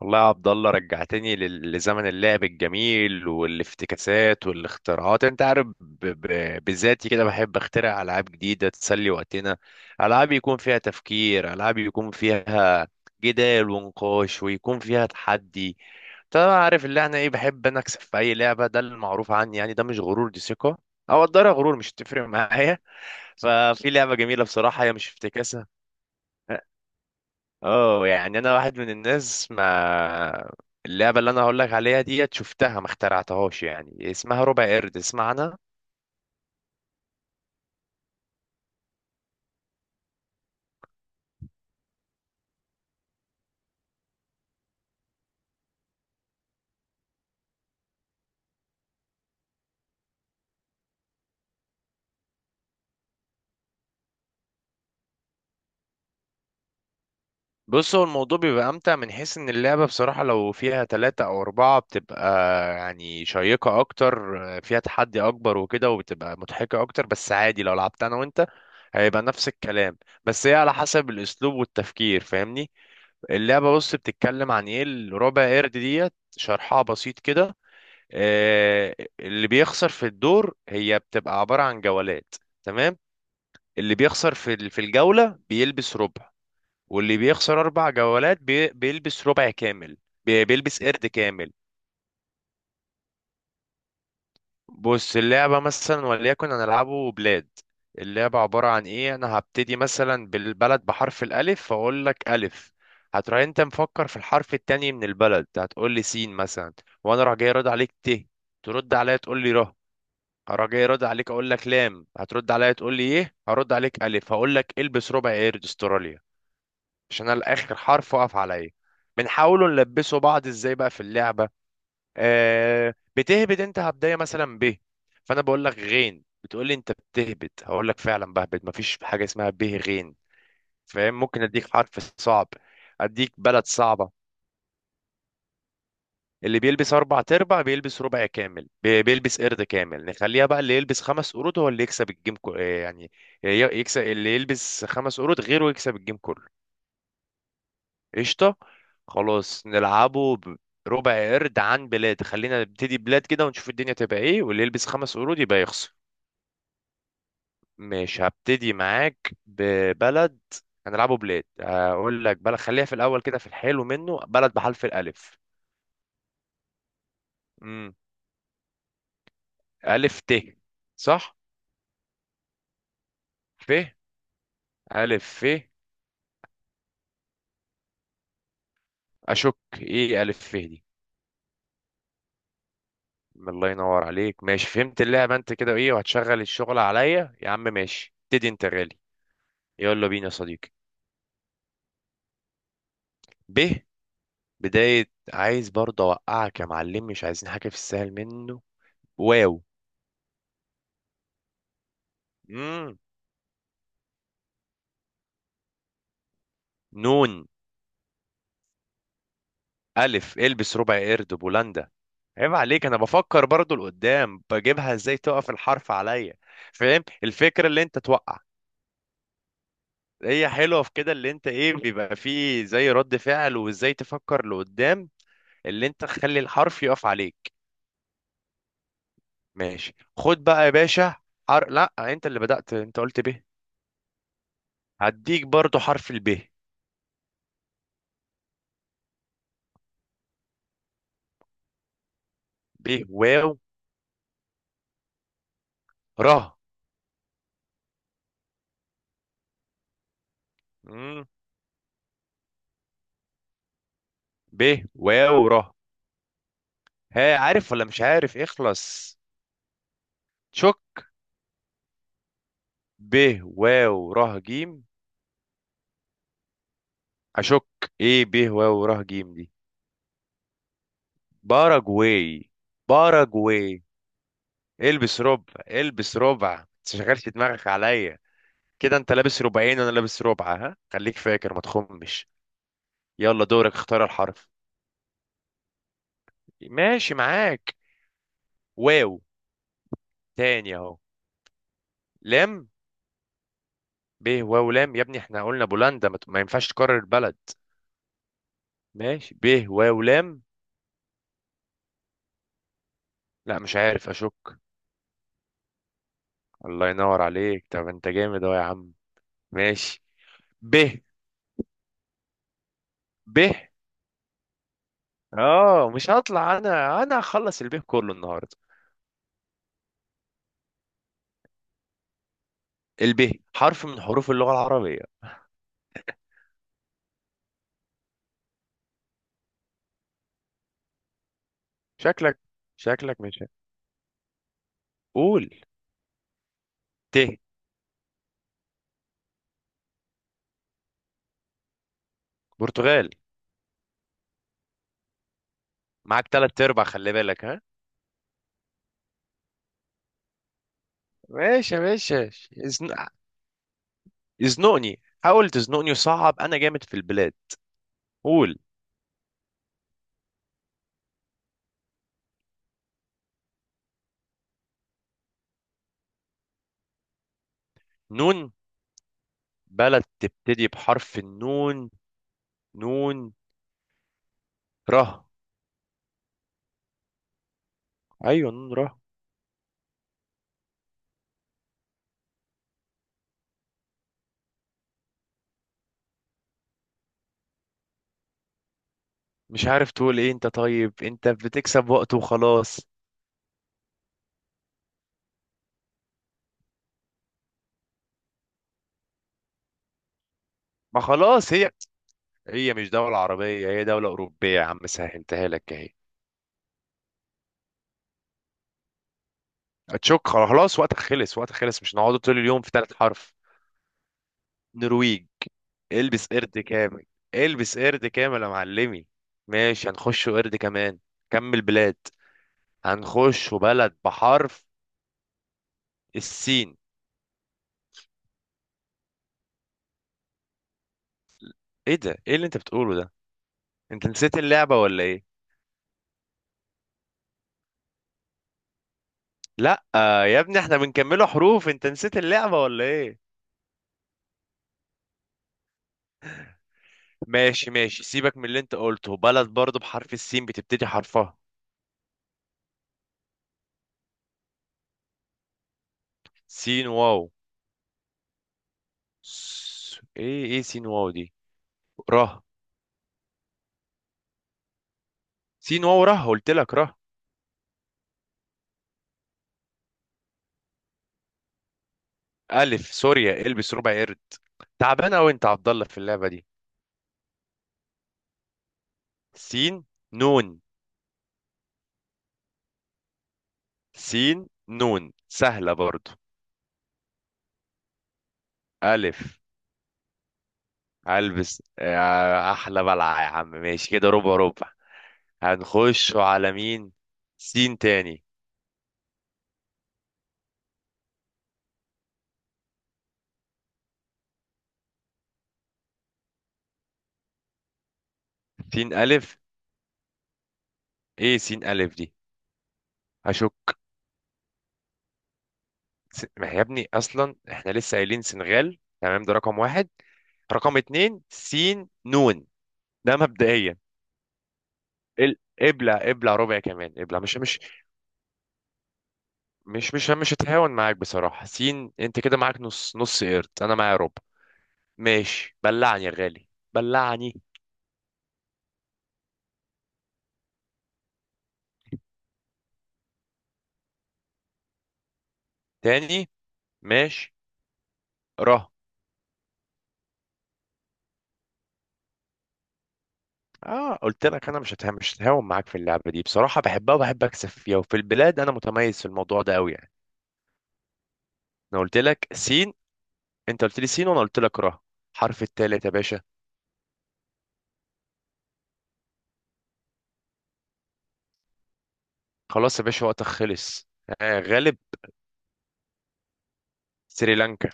والله يا عبد الله، رجعتني لزمن اللعب الجميل والافتكاسات والاختراعات. انت عارف بذاتي كده بحب اخترع العاب جديده تسلي وقتنا. العاب يكون فيها تفكير، العاب يكون فيها جدال ونقاش ويكون فيها تحدي. طبعا عارف اللي احنا ايه، بحب انا اكسب في اي لعبه، ده المعروف عني. يعني ده مش غرور، دي ثقه، او اقدرها غرور، مش هتفرق معايا. ففي لعبه جميله بصراحه، هي مش افتكاسه. اه، يعني انا واحد من الناس ما. اللعبه اللي انا هقول لك عليها ديت شفتها ما اخترعتهاش، يعني اسمها ربع قرد، اسمع عنها. بص، هو الموضوع بيبقى امتع من حيث ان اللعبه بصراحه لو فيها ثلاثة او اربعة بتبقى يعني شيقه اكتر، فيها تحدي اكبر وكده وبتبقى مضحكه اكتر. بس عادي لو لعبت انا وانت، هيبقى نفس الكلام. بس هي على حسب الاسلوب والتفكير، فاهمني؟ اللعبه، بص، بتتكلم عن ايه الربع قرد ديت، شرحها بسيط كده. اللي بيخسر في الدور، هي بتبقى عبارة عن جولات. تمام. اللي بيخسر في الجولة بيلبس ربع. واللي بيخسر أربع جولات بيلبس ربع كامل. بيلبس قرد كامل. بص، اللعبة مثلا، وليكن هنلعبه بلاد. اللعبة عبارة عن إيه؟ أنا هبتدي مثلا بالبلد بحرف الألف، فأقول لك ألف. هتروح أنت مفكر في الحرف التاني من البلد، هتقول لي سين مثلا. وأنا راح جاي رد عليك ت. ترد عليا تقول لي ر. هراجع جاي ارد عليك اقول لك لام. هترد عليا تقول لي ايه؟ هرد عليك الف، هقول لك البس ربع قرد استراليا، عشان انا الاخر حرف وقف عليا. بنحاولوا نلبسوا بعض ازاي بقى في اللعبه. آه، بتهبد انت، هبدايه مثلا ب، فانا بقول لك غين، بتقول لي انت بتهبد، هقول لك فعلا بهبد، مفيش حاجه اسمها به غين. فاهم؟ ممكن اديك حرف صعب، اديك بلد صعبه. اللي بيلبس اربع تربع بيلبس ربع كامل، بيلبس قرد كامل. نخليها بقى اللي يلبس خمس قرود هو اللي يكسب الجيم كو... آه، يعني ي- يكسب. اللي يلبس خمس قرود غيره يكسب الجيم كله. قشطة. خلاص نلعبه ربع قرد عن بلاد. خلينا نبتدي بلاد كده ونشوف الدنيا تبقى ايه، واللي يلبس خمس قرود يبقى يخسر. مش هبتدي معاك ببلد، هنلعبه بلاد. هقول لك بلد، خليها في الاول كده في الحلو منه. بلد بحرف الالف. امم الف ت؟ صح. ف. الف ف؟ اشك، ايه الف ف دي؟ الله ينور عليك. ماشي، فهمت اللعبه انت كده، ايه وهتشغل الشغل عليا يا عم؟ ماشي، ابتدي انت غالي. يلا بينا يا صديقي. ب. بدايه، عايز برضه اوقعك يا معلم، مش عايزين حاجه في السهل منه. واو. مم. نون. الف. البس ربع قرد بولندا. عيب عليك، انا بفكر برضه لقدام، بجيبها ازاي تقف الحرف عليا. فاهم الفكره؟ اللي انت توقع. هي حلوه في كده اللي انت ايه، بيبقى فيه زي رد فعل وازاي تفكر لقدام، اللي انت تخلي الحرف يقف عليك. ماشي، خد بقى يا باشا. لا، انت اللي بدأت، انت قلت ب. هديك برضو حرف ال ب. ب. واو. ره. مم. ب واو ره. ها، عارف ولا مش عارف اخلص؟ شك. ب واو ره جيم. اشك، ايه ب واو ره جيم دي؟ باراجواي. باراجواي. البس ربع، البس ربع، ما تشغلش دماغك عليا. كده انت لابس ربعين وانا لابس ربع، ها خليك فاكر، ما تخمش. يلا، دورك، اختار الحرف. ماشي معاك. واو. تاني اهو. لام. ب واو لام، يا ابني احنا قلنا بولندا، ما ينفعش تكرر البلد. ماشي، ب واو لام. لا، مش عارف. اشك. الله ينور عليك، طب انت جامد اهو يا عم. ماشي. ب. ب. اه، مش هطلع، انا هخلص الب كله النهارده. الب حرف من حروف اللغة العربية. شكلك شكلك مش. قول. ت. برتغال. معاك تلات ارباع، خلي بالك ها. ماشي يا باشا. يزنقني، حاول تزنقني، وصعب، انا جامد في البلاد. قول. نون. بلد تبتدي بحرف النون. نون ره. ايوه، نون ره. مش عارف تقول ايه انت؟ طيب، انت بتكسب وقت وخلاص. ما خلاص هي، هي مش دولة عربية، هي دولة أوروبية يا عم، سهلتها لك اهي. هتشك؟ خلاص، وقتك خلص، وقتك خلص، مش نقعد طول اليوم في ثالث حرف. نرويج، البس قرد كامل. البس قرد كامل يا معلمي. ماشي، هنخش قرد كمان. كمل بلاد. هنخش بلد بحرف السين. ايه ده؟ ايه اللي انت بتقوله ده؟ انت نسيت اللعبة ولا ايه؟ لا، يا ابني احنا بنكمله حروف، انت نسيت اللعبة ولا ايه؟ ماشي ماشي، سيبك من اللي انت قلته. بلد برضو بحرف السين بتبتدي حرفها. سين واو. ايه ايه سين واو دي؟ ره. سين واو ره، قلت لك ره. الف، سوريا، البس ربع قرد. تعبان اوي انت يا عبد الله في اللعبة دي. سين. نون. سين نون سهلة برضو. الف. هلبس يا احلى بلعه يا عم. ماشي كده، ربع ربع. هنخش على مين؟ سين تاني. سين الف، ايه سين الف دي؟ هشك. ما يا ابني اصلا احنا لسه قايلين سنغال، تمام؟ ده رقم واحد. رقم اتنين سين نون. ده مبدئيا. ابلع ابلع ربع كمان، ابلع. مش هتهاون معاك بصراحة. سين، انت كده معاك نص، نص قرد، انا معايا ربع. ماشي، بلعني يا غالي. بلعني. تاني. ماشي. ر. اه، قلت لك انا مش هتهم، مش هتهاون معاك في اللعبه دي بصراحه، بحبها وبحب اكسب فيها، وفي البلاد انا متميز في الموضوع ده قوي يعني. انا قلت لك سين، انت قلت لي سين، وانا قلت لك را. حرف التالت يا باشا. خلاص يا باشا، وقتك خلص. آه، غالب. سريلانكا.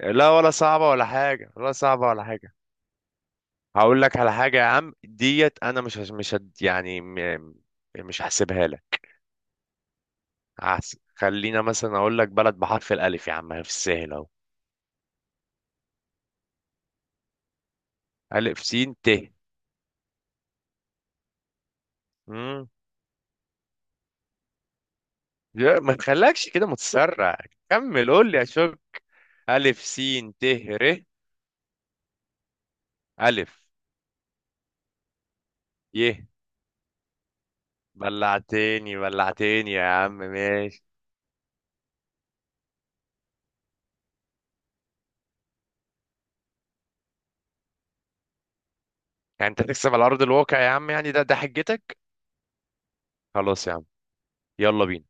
لا ولا صعبه ولا حاجه، ولا صعبه ولا حاجه. هقول لك على حاجه يا عم ديت، انا مش هش- مش هد يعني م- مش هحسبها لك. خلينا مثلا اقول لك بلد بحرف الالف يا عم، في السهل اهو. الف سين ت. يا ما تخلكش كده متسرع. كمل، قول لي يا شوب. ألف سين ت ر. ألف. يه. بلعتني، بلعتني يا عم. ماشي، يعني انت تكسب على أرض الواقع يا عم، يعني ده حجتك؟ خلاص يا عم، يلا بينا.